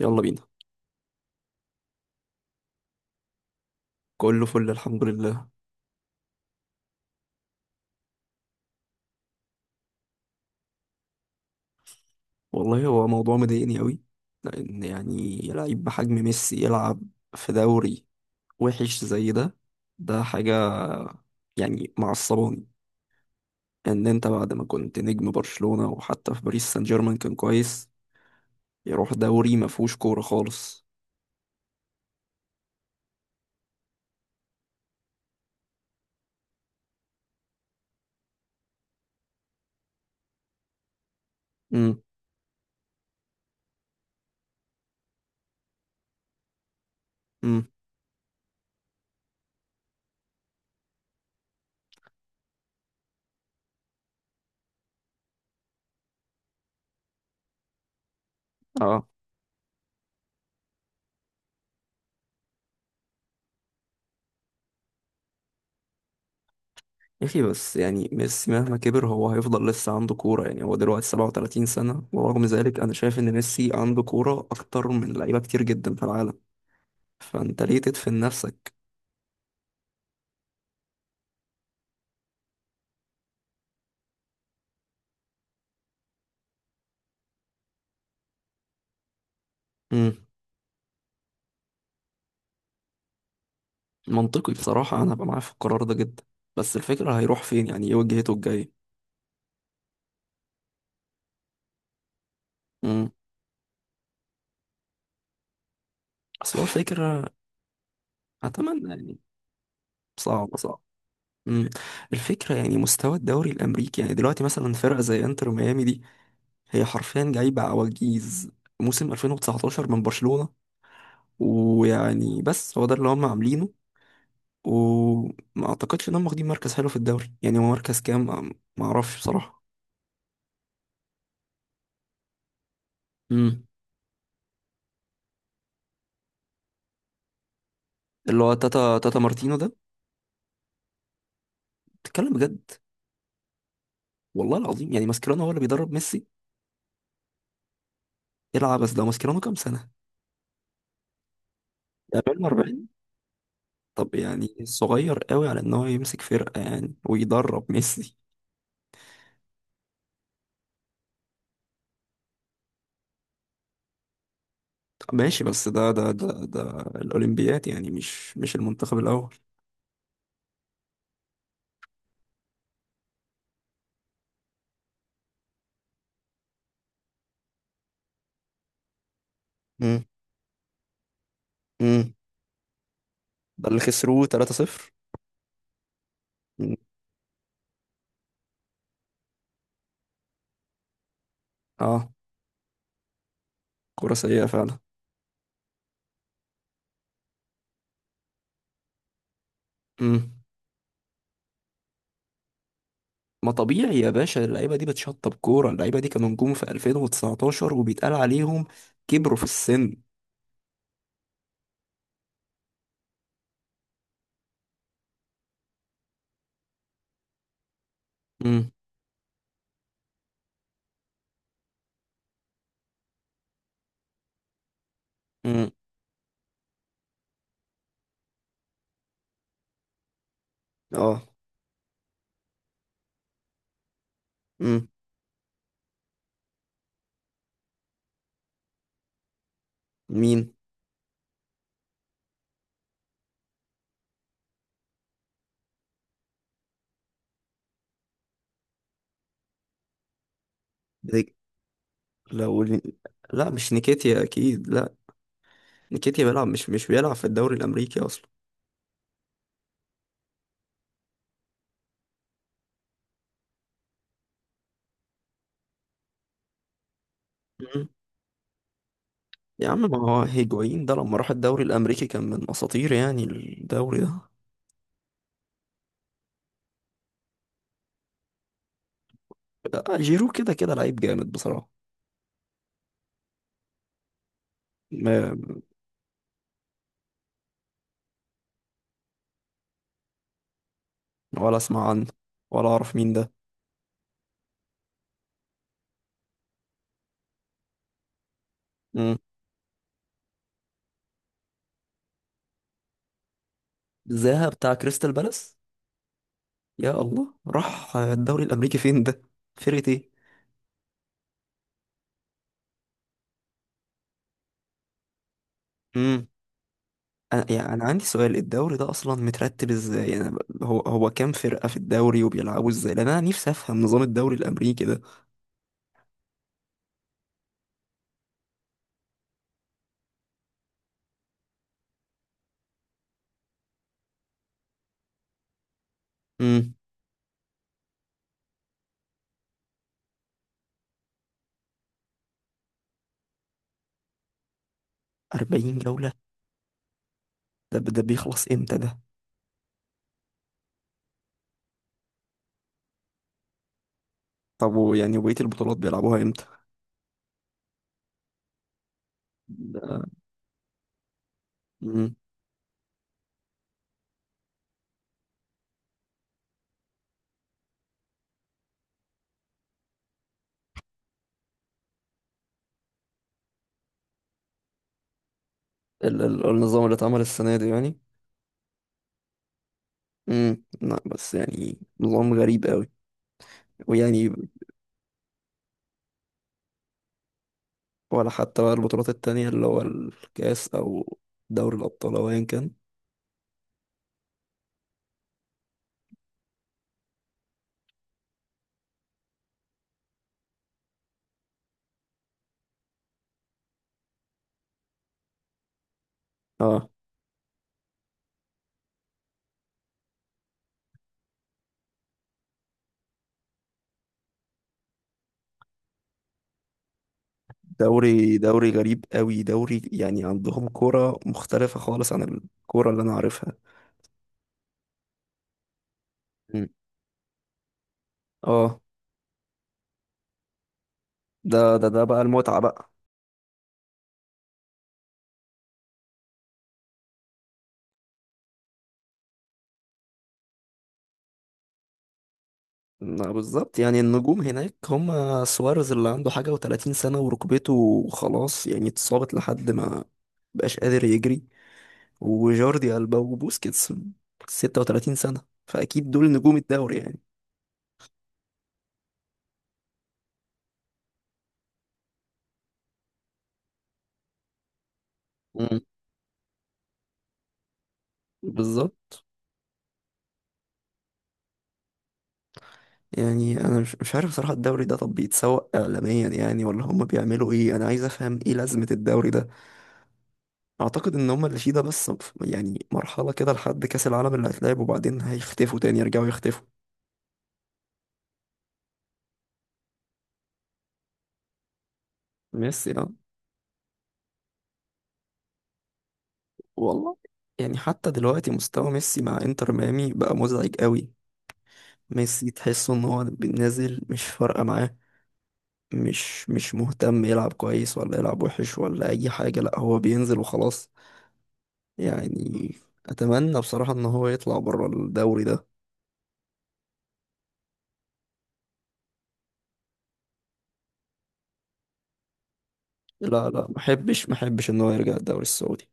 يلا بينا. كله فل، الحمد لله. والله هو موضوع مضايقني قوي، لان يعني لعيب بحجم ميسي يلعب في دوري وحش زي ده. ده حاجة يعني معصباني، ان انت بعد ما كنت نجم برشلونة وحتى في باريس سان جيرمان كان كويس، يروح دوري ما فيهوش كورة خالص. امم امم اه يا اخي بس يعني ميسي مهما كبر هو هيفضل لسه عنده كورة. يعني هو دلوقتي 37 سنة، ورغم ذلك انا شايف ان ميسي عنده كورة اكتر من لعيبة كتير جدا في العالم. فانت ليه تدفن نفسك؟ امم منطقي بصراحة، انا هبقى معاه في القرار ده جدا. بس الفكرة، هيروح فين؟ يعني ايه وجهته الجاية؟ امم اصل هو الفكرة. اتمنى يعني. صعب صعب. امم الفكرة يعني مستوى الدوري الامريكي. يعني دلوقتي مثلا فرقة زي انتر ميامي دي، هي حرفيا جايبة عواجيز موسم 2019 من برشلونة. ويعني بس هو ده اللي هم عاملينه، وما اعتقدش انهم واخدين مركز حلو في الدوري. يعني هو مركز كام؟ ما اعرفش بصراحة. امم اللي هو تاتا مارتينو ده؟ تتكلم بجد؟ والله العظيم، يعني ماسكيرانو هو اللي بيدرب ميسي؟ العب. بس ده ماسكيرانو كام سنة؟ ده بيلم 40. طب يعني صغير قوي على ان هو يمسك فرقة يعني ويدرب ميسي. طب ماشي، بس ده الأولمبياد، يعني مش المنتخب الأول. امم امم ده اللي خسروه 3-0. مم. اه، كورة سيئة فعلا. مم. ما طبيعي يا باشا، اللعيبة دي بتشطب كورة. اللعيبة دي كانوا نجوم في 2019، وبيتقال عليهم كبروا في السن. امم امم اه امم مين؟ لو لا، مش نيكيتيا اكيد لا. نيكيتيا بيلعب مش مش بيلعب في الدوري الامريكي اصلا. مم. يا عم، ما هو هيجوين ده لما راح الدوري الامريكي كان من اساطير يعني الدوري ده. جيرو كده كده لعيب جامد بصراحه. ما ولا اسمع عنه ولا اعرف مين ده. مم. زاها بتاع كريستال بالاس؟ يا الله، راح الدوري الامريكي فين ده؟ فرقه ايه؟ مم. أنا عندي سؤال، الدوري ده أصلا مترتب إزاي؟ يعني هو كام فرقة في الدوري وبيلعبوا إزاي؟ لأن أنا نفسي أفهم نظام الدوري الأمريكي ده. امم 40 جولة؟ ده بيخلص إمتى ده؟ طب ويعني وبقية البطولات بيلعبوها إمتى ده؟ امم ال النظام اللي اتعمل السنة دي يعني؟ لا، بس يعني نظام غريب قوي. ويعني ولا حتى بقى البطولات التانية، اللي هو الكاس أو دوري الأبطال أو أيا كان؟ اه، دوري غريب قوي. دوري يعني عندهم كورة مختلفة خالص عن الكورة اللي أنا عارفها. مم. اه، ده بقى المتعة بقى. لا، بالظبط، يعني النجوم هناك هم سواريز اللي عنده حاجة وتلاتين سنة وركبته خلاص يعني اتصابت لحد ما بقاش قادر يجري. وجوردي ألبا وبوسكيتس 36 سنة. فأكيد دول نجوم الدوري يعني. مم. بالظبط. يعني انا مش عارف صراحة الدوري ده. طب بيتسوق اعلاميا يعني ولا هم بيعملوا ايه؟ انا عايز افهم ايه لازمة الدوري ده. اعتقد ان هم اللي فيه ده بس يعني مرحلة كده لحد كاس العالم اللي هيتلعب، وبعدين هيختفوا تاني، يرجعوا يختفوا. ميسي ده والله. يعني حتى دلوقتي مستوى ميسي مع انتر ميامي بقى مزعج قوي. ميسي تحسه ان هو نازل، مش فارقة معاه. مش مهتم يلعب كويس ولا يلعب وحش ولا اي حاجة. لا هو بينزل وخلاص يعني. اتمنى بصراحة ان هو يطلع بره الدوري ده. لا لا، ما احبش ما احبش ان هو يرجع الدوري السعودي.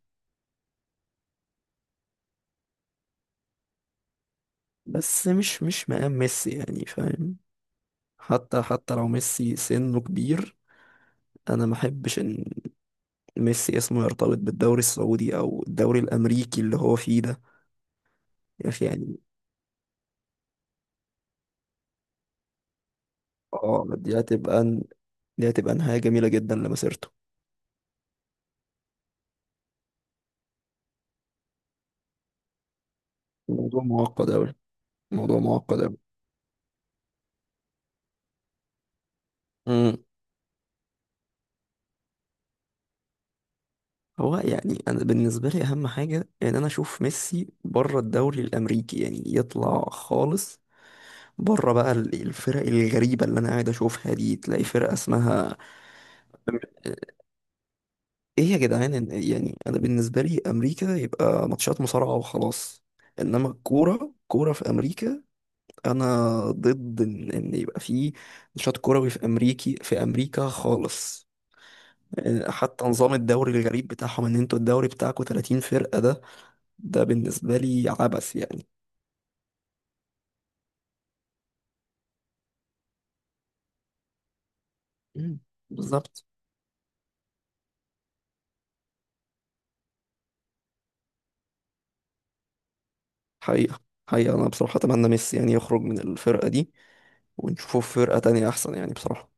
بس مش مقام ميسي يعني، فاهم؟ حتى لو ميسي سنه كبير، انا ما احبش ان ميسي اسمه يرتبط بالدوري السعودي او الدوري الامريكي اللي هو فيه ده. يا اخي يعني. اه، دي هتبقى نهاية جميلة جدا لمسيرته. الموضوع معقد اوي. الموضوع معقد اوي. هو يعني انا بالنسبه لي اهم حاجه ان انا اشوف ميسي بره الدوري الامريكي يعني يطلع خالص. بره بقى الفرق الغريبه اللي انا قاعد اشوفها دي، تلاقي فرقه اسمها ايه يا جدعان. يعني انا بالنسبه لي امريكا يبقى ماتشات مصارعه وخلاص. انما الكوره كوره، في امريكا انا ضد إن يبقى في نشاط كروي في امريكا خالص. حتى نظام الدوري الغريب بتاعهم، ان انتوا الدوري بتاعكم 30 فرقه ده، ده بالنسبة لي عبث يعني. مم. بالظبط. حقيقة حقيقة، أنا بصراحة أتمنى ميسي يعني يخرج من الفرقة دي ونشوفه في فرقة تانية أحسن يعني بصراحة.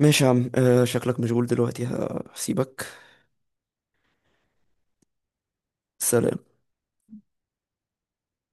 ماشي يا عم، شكلك مشغول دلوقتي، هسيبك. سلام.